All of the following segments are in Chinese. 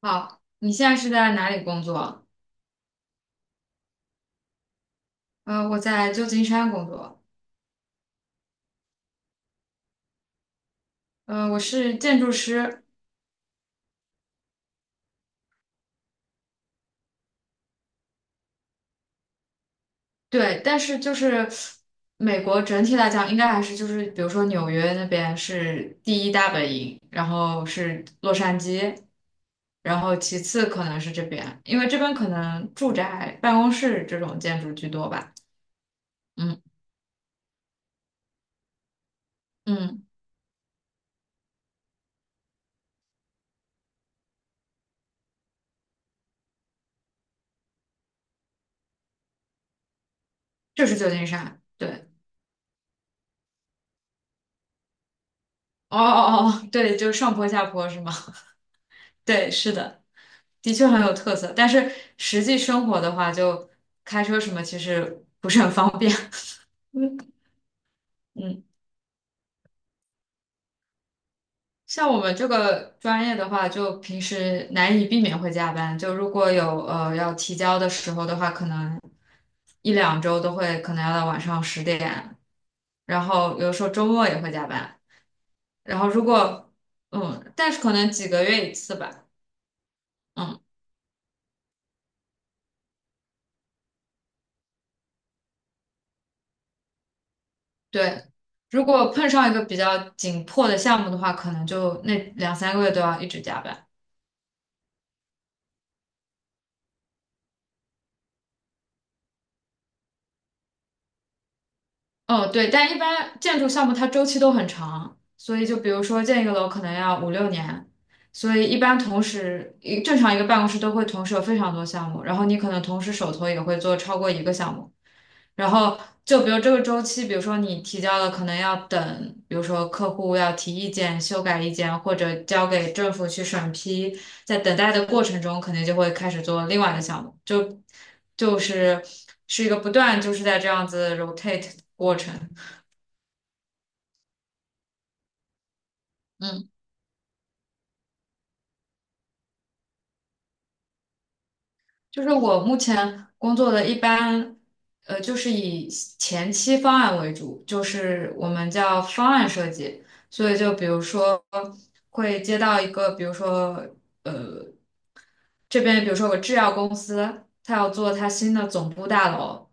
好，你现在是在哪里工作？我在旧金山工作。我是建筑师。对，但是就是美国整体来讲，应该还是就是，比如说纽约那边是第一大本营，然后是洛杉矶，然后其次可能是这边，因为这边可能住宅、办公室这种建筑居多吧。嗯嗯，就是旧金山。对，哦哦哦，对，就上坡下坡是吗？对，是的。的确很有特色，但是实际生活的话，就开车什么其实不方便。嗯嗯，像我们这个专业的话，就平时难以避免会加班。就如果有要提交的时候的话，可能一两周都会可能要到晚上10点，然后有时候周末也会加班。然后如果嗯，但是可能几个月一次吧。嗯，对。如果碰上一个比较紧迫的项目的话，可能就那两三个月都要一直加班。哦，对，但一般建筑项目它周期都很长，所以就比如说建一个楼可能要五六年，所以一般同时正常一个办公室都会同时有非常多项目，然后你可能同时手头也会做超过一个项目，然后就比如这个周期，比如说你提交了，可能要等，比如说客户要提意见、修改意见，或者交给政府去审批，在等待的过程中，肯定就会开始做另外的项目，就是一个不断就是在这样子 rotate 过程。嗯，就是我目前工作的一般，就是以前期方案为主，就是我们叫方案设计。所以就比如说会接到一个，比如说这边比如说有个制药公司，它要做它新的总部大楼，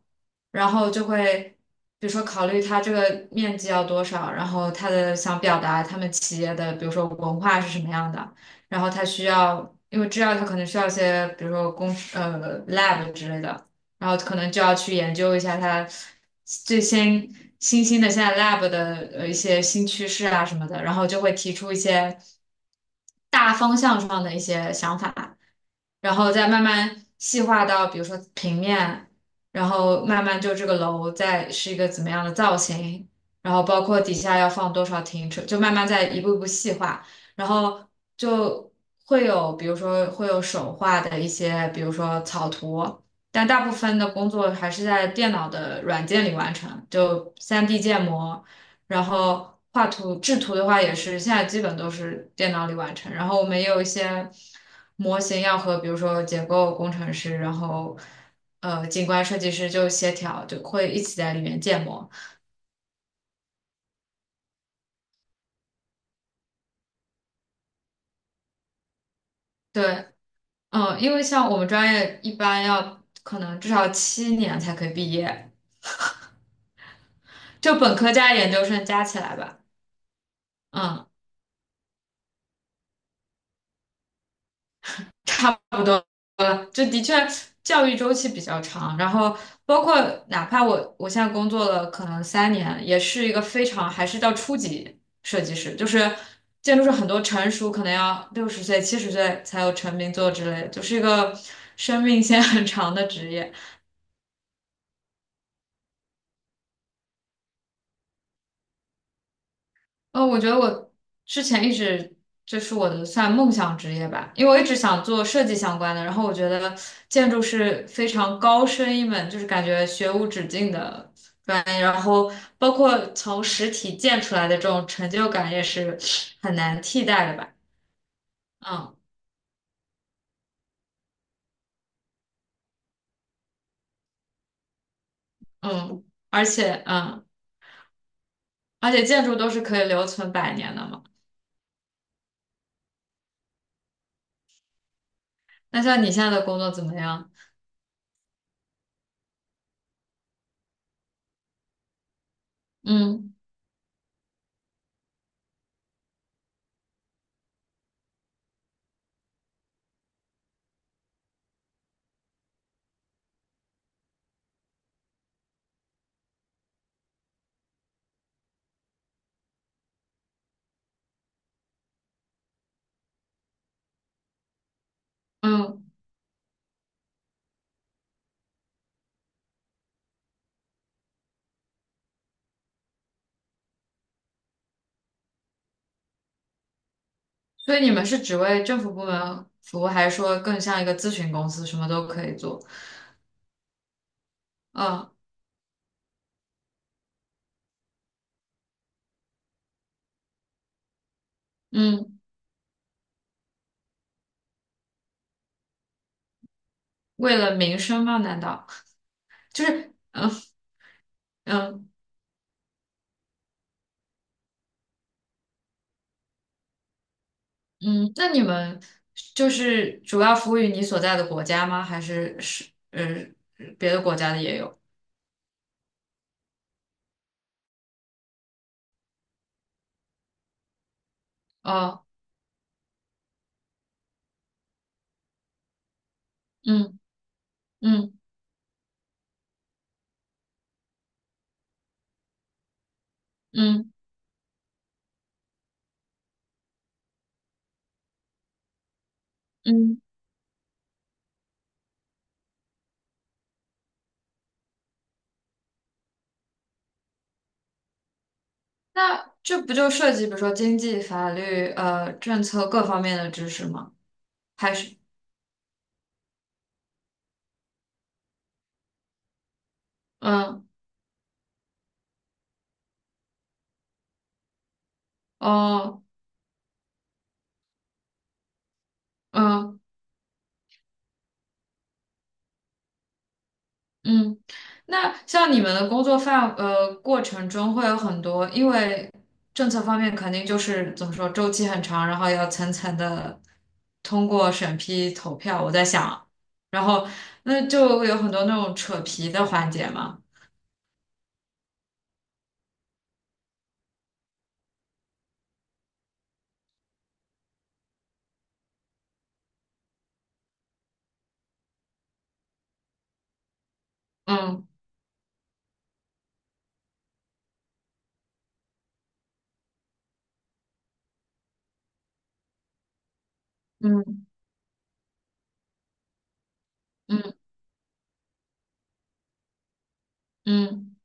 然后就会比如说考虑它这个面积要多少，然后它的想表达他们企业的比如说文化是什么样的，然后它需要，因为制药它可能需要一些比如说lab 之类的，然后可能就要去研究一下它最新新兴的现在 lab 的一些新趋势啊什么的，然后就会提出一些大方向上的一些想法。然后再慢慢细化到，比如说平面，然后慢慢就这个楼再是一个怎么样的造型，然后包括底下要放多少停车，就慢慢再一步一步细化，然后就会有，比如说会有手画的一些，比如说草图，但大部分的工作还是在电脑的软件里完成，就 3D 建模。然后画图制图的话也是现在基本都是电脑里完成。然后我们也有一些模型要和比如说结构工程师，然后景观设计师就协调，就会一起在里面建模。对，嗯，因为像我们专业一般要可能至少7年才可以毕业，就本科加研究生加起来吧。嗯。差不多了，就的确教育周期比较长，然后包括哪怕我现在工作了可能3年，也是一个非常还是叫初级设计师，就是建筑师很多成熟可能要60岁、70岁才有成名作之类的，就是一个生命线很长的职业。我觉得我之前一直这是我的算梦想职业吧，因为我一直想做设计相关的。然后我觉得建筑是非常高深一门，就是感觉学无止境的专业。然后包括从实体建出来的这种成就感也是很难替代的吧。嗯嗯，而且嗯，而且建筑都是可以留存百年的嘛。那像你现在的工作怎么样？嗯嗯。所以你们是只为政府部门服务，还是说更像一个咨询公司，什么都可以做？嗯嗯，为了民生吗？难道就是嗯嗯？那你们就是主要服务于你所在的国家吗？还是是呃别的国家的也有？哦，嗯嗯嗯嗯，那这不就涉及比如说经济、法律、政策各方面的知识吗？还是嗯哦嗯。嗯，那像你们的工作过程中会有很多，因为政策方面肯定就是怎么说周期很长，然后要层层的通过审批投票。我在想，然后那就会有很多那种扯皮的环节嘛。嗯嗯嗯嗯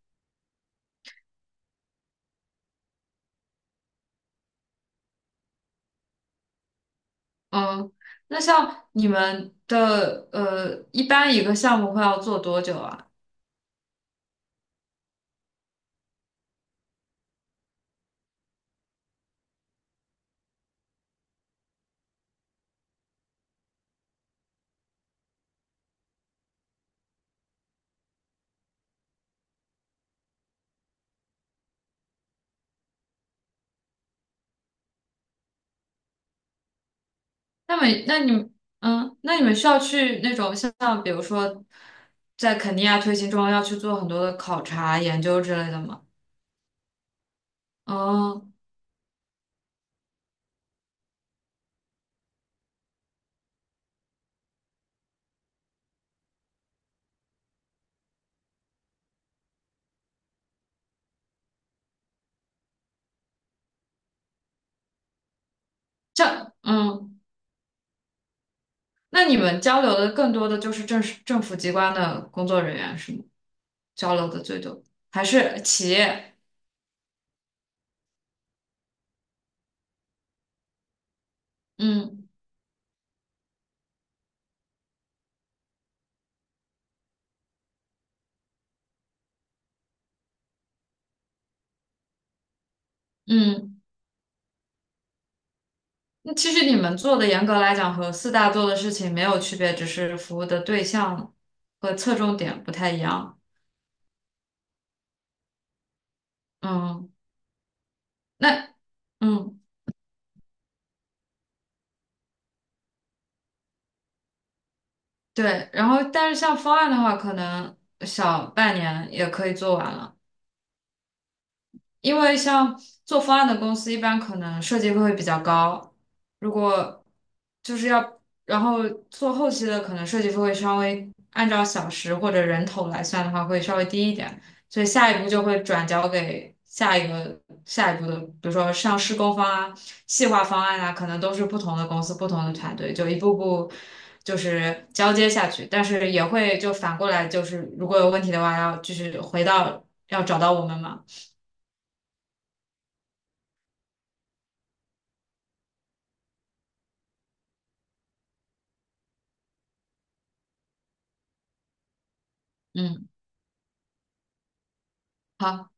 嗯，那像你们的一般一个项目会要做多久啊？那么，那你们，嗯，那你们需要去那种像，比如说，在肯尼亚推行中要去做很多的考察研究之类的吗？哦，这，嗯，那你们交流的更多的就是政府机关的工作人员是吗？交流的最多，还是企业？嗯嗯，那其实你们做的严格来讲和四大做的事情没有区别，只是服务的对象和侧重点不太一样。嗯，那。嗯。对，然后但是像方案的话，可能小半年也可以做完了。因为像做方案的公司，一般可能设计费会比较高，如果就是要，然后做后期的，可能设计费会稍微按照小时或者人头来算的话，会稍微低一点，所以下一步就会转交给下一个下一步的，比如说像施工方啊、细化方案啊，可能都是不同的公司、不同的团队，就一步步就是交接下去，但是也会就反过来，就是如果有问题的话，要就是回到要找到我们嘛。嗯。好